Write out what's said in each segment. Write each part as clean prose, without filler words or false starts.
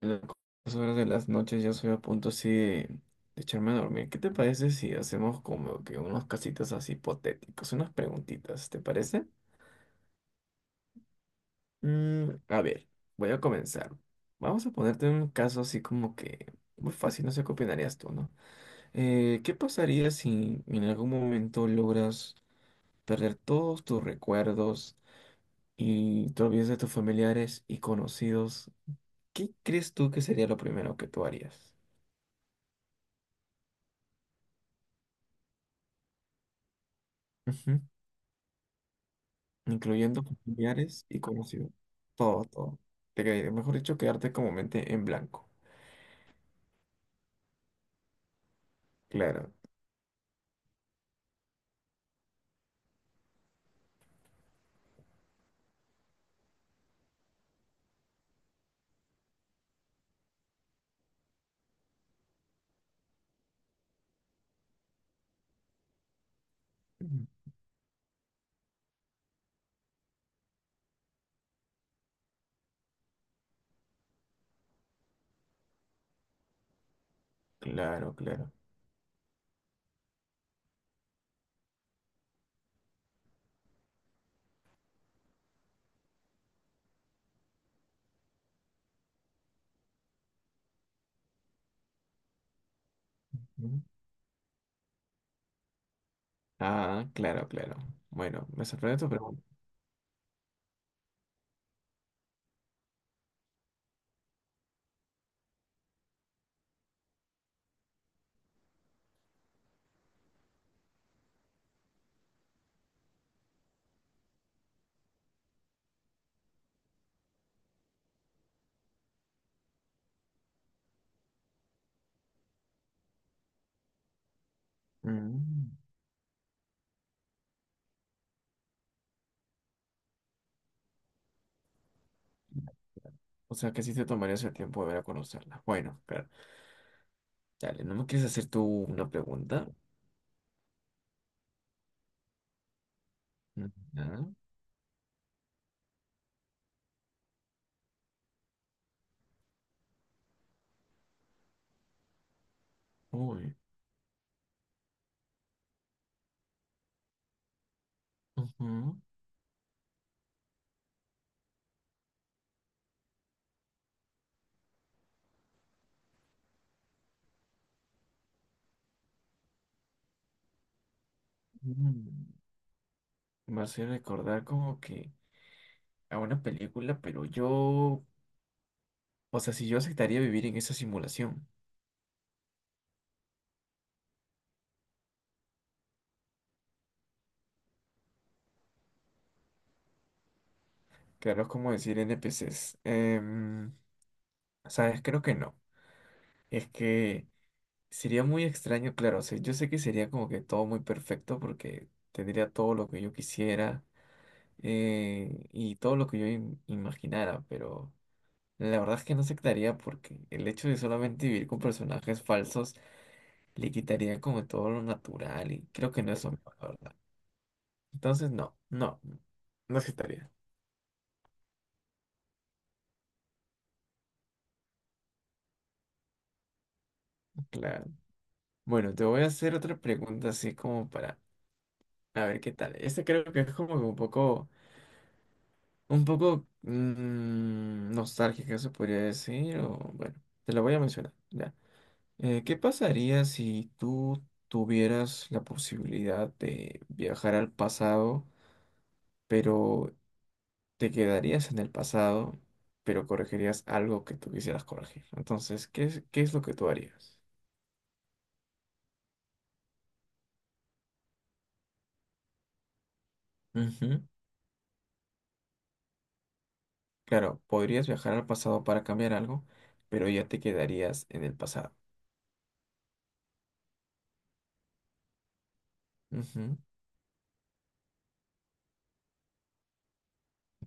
Las horas de las noches ya soy a punto así de echarme a dormir. ¿Qué te parece si hacemos como que unos casitos así hipotéticos, unas preguntitas? ¿Te parece? A ver, voy a comenzar. Vamos a ponerte un caso así como que muy fácil, no sé qué opinarías tú, ¿no? ¿Qué pasaría si en algún momento logras perder todos tus recuerdos y te olvidas de tus familiares y conocidos? ¿Qué crees tú que sería lo primero que tú harías? Incluyendo familiares y conocidos. Todo, todo. Mejor dicho, quedarte como mente en blanco. Claro. Mm. Claro, claro. Mm. Ah, claro, claro. Bueno, me sorprende tu pregunta. Mm. O sea, que sí te tomarías el tiempo de ver a conocerla. Bueno, claro. Dale, ¿no me quieres hacer tú una pregunta? Mm, ¿Nada? Uy. Ujú. Mm. Me hace recordar como que a una película, pero yo, o sea, si yo aceptaría vivir en esa simulación. Claro, es como decir NPCs. ¿Sabes? Creo que no. Es que sería muy extraño, claro. O sea, yo sé que sería como que todo muy perfecto porque tendría todo lo que yo quisiera y todo lo que yo imaginara, pero la verdad es que no aceptaría porque el hecho de solamente vivir con personajes falsos le quitaría como todo lo natural y creo que no es lo mejor, la verdad. Entonces, no, no, no aceptaría. Claro. Bueno, te voy a hacer otra pregunta así como para a ver qué tal. Este creo que es como que un poco nostálgica, se podría decir. O bueno, te la voy a mencionar. Ya. ¿Qué pasaría si tú tuvieras la posibilidad de viajar al pasado, pero te quedarías en el pasado, pero corregirías algo que tú quisieras corregir? Entonces, qué es lo que tú harías? Ujú. Claro, podrías viajar al pasado para cambiar algo, pero ya te quedarías en el pasado. Ujú.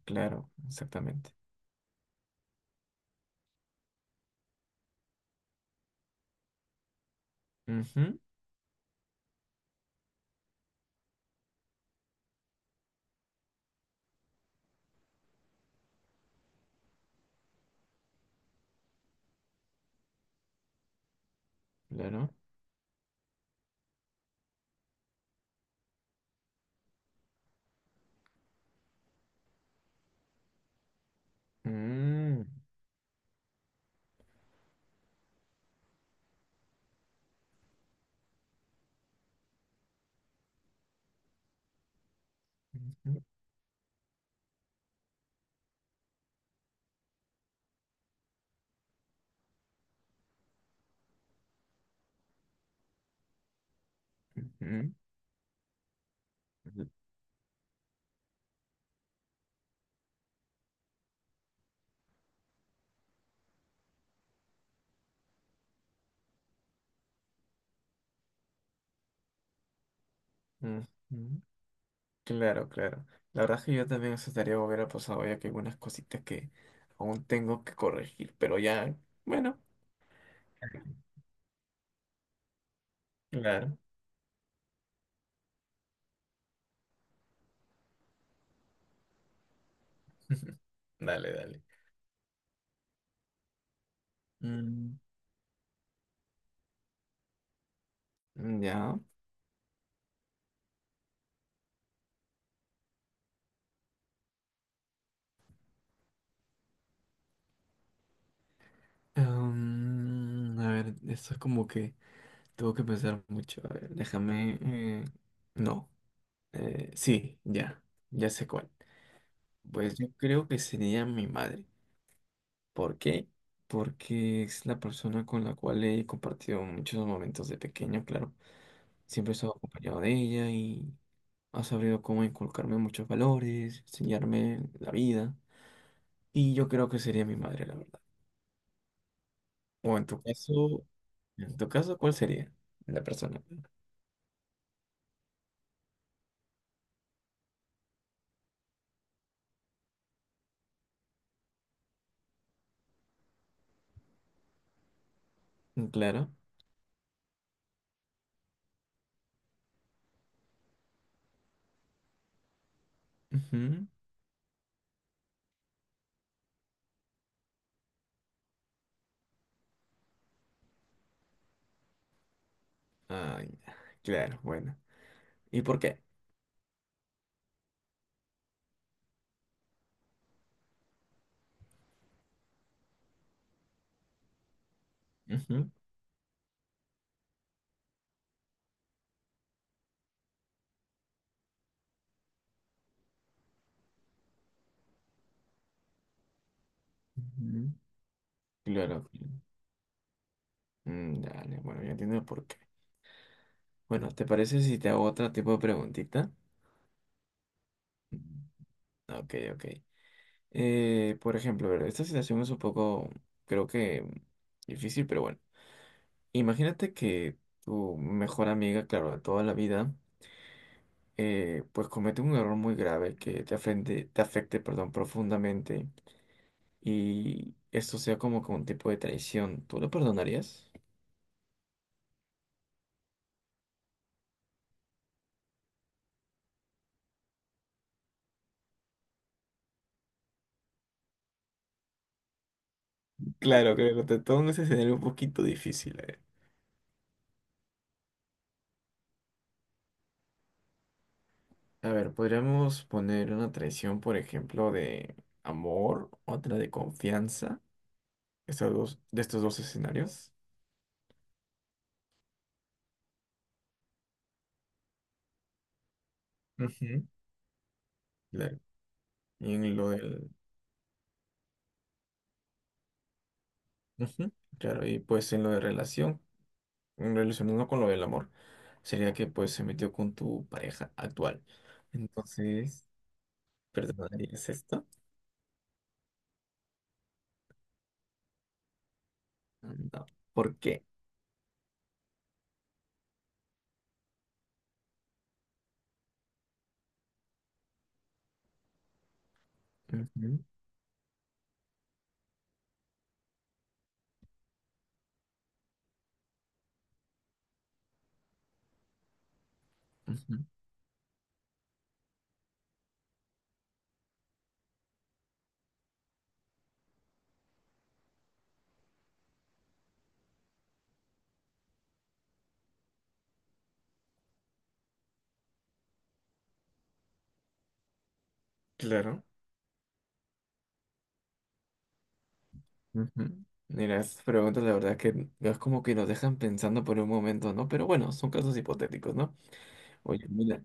Claro, exactamente. Ujú, claro. Mm, ujú, ujú, ujú, ujú. Claro, claro. La verdad es que yo también aceptaría volver al pasado, ya que hay algunas cositas que aún tengo que corregir, pero ya, bueno, claro. Dale, dale. Mm, ya. A ver, esto es como que tengo que pensar mucho. A ver, déjame. No. Sí, ya. Ya sé cuál. Pues yo creo que sería mi madre. ¿Por qué? Porque es la persona con la cual he compartido muchos momentos de pequeño, claro. Siempre he estado acompañado de ella y ha sabido cómo inculcarme muchos valores, enseñarme la vida. Y yo creo que sería mi madre, la verdad. O en tu caso, ¿cuál sería la persona? Mm. Claro. Ujú. Ay, claro, bueno. ¿Y por qué? Ujú. Ujú. Claro, claro. Mm. Dale, bueno, ya entiendo por qué. Bueno, ¿te parece si te hago otro tipo de preguntita? Mm. Ok, ok. Por ejemplo, a ver, esta situación es un poco, creo que difícil, pero bueno. Imagínate que tu mejor amiga, claro, de toda la vida, pues comete un error muy grave que te afecte, perdón, profundamente y esto sea como que un tipo de traición. ¿Tú lo perdonarías? Claro, creo que te todo un escenario un poquito difícil, eh. A ver, podríamos poner una traición, por ejemplo, de amor, otra de confianza, estos dos, de estos dos escenarios. Ujú. Claro. Y en lo del... Ujú. Claro, y pues en lo de relación, en relacionando con lo del amor, sería que pues se metió con tu pareja actual. Entonces, ¿perdonarías esto? No. ¿Por qué? Ujú, ujú. Claro. Ujú. Mira, estas preguntas la verdad que es como que nos dejan pensando por un momento, ¿no? Pero bueno, son casos hipotéticos, ¿no? Oye, mira,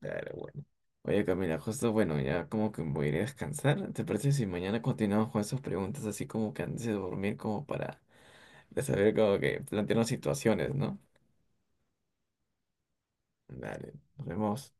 claro, bueno. Oye, Camila, justo, bueno, ya como que voy a ir a descansar. ¿Te parece si mañana continuamos con esas preguntas así como que antes de dormir, como para saber como que plantearnos situaciones, ¿no? Dale, nos vemos.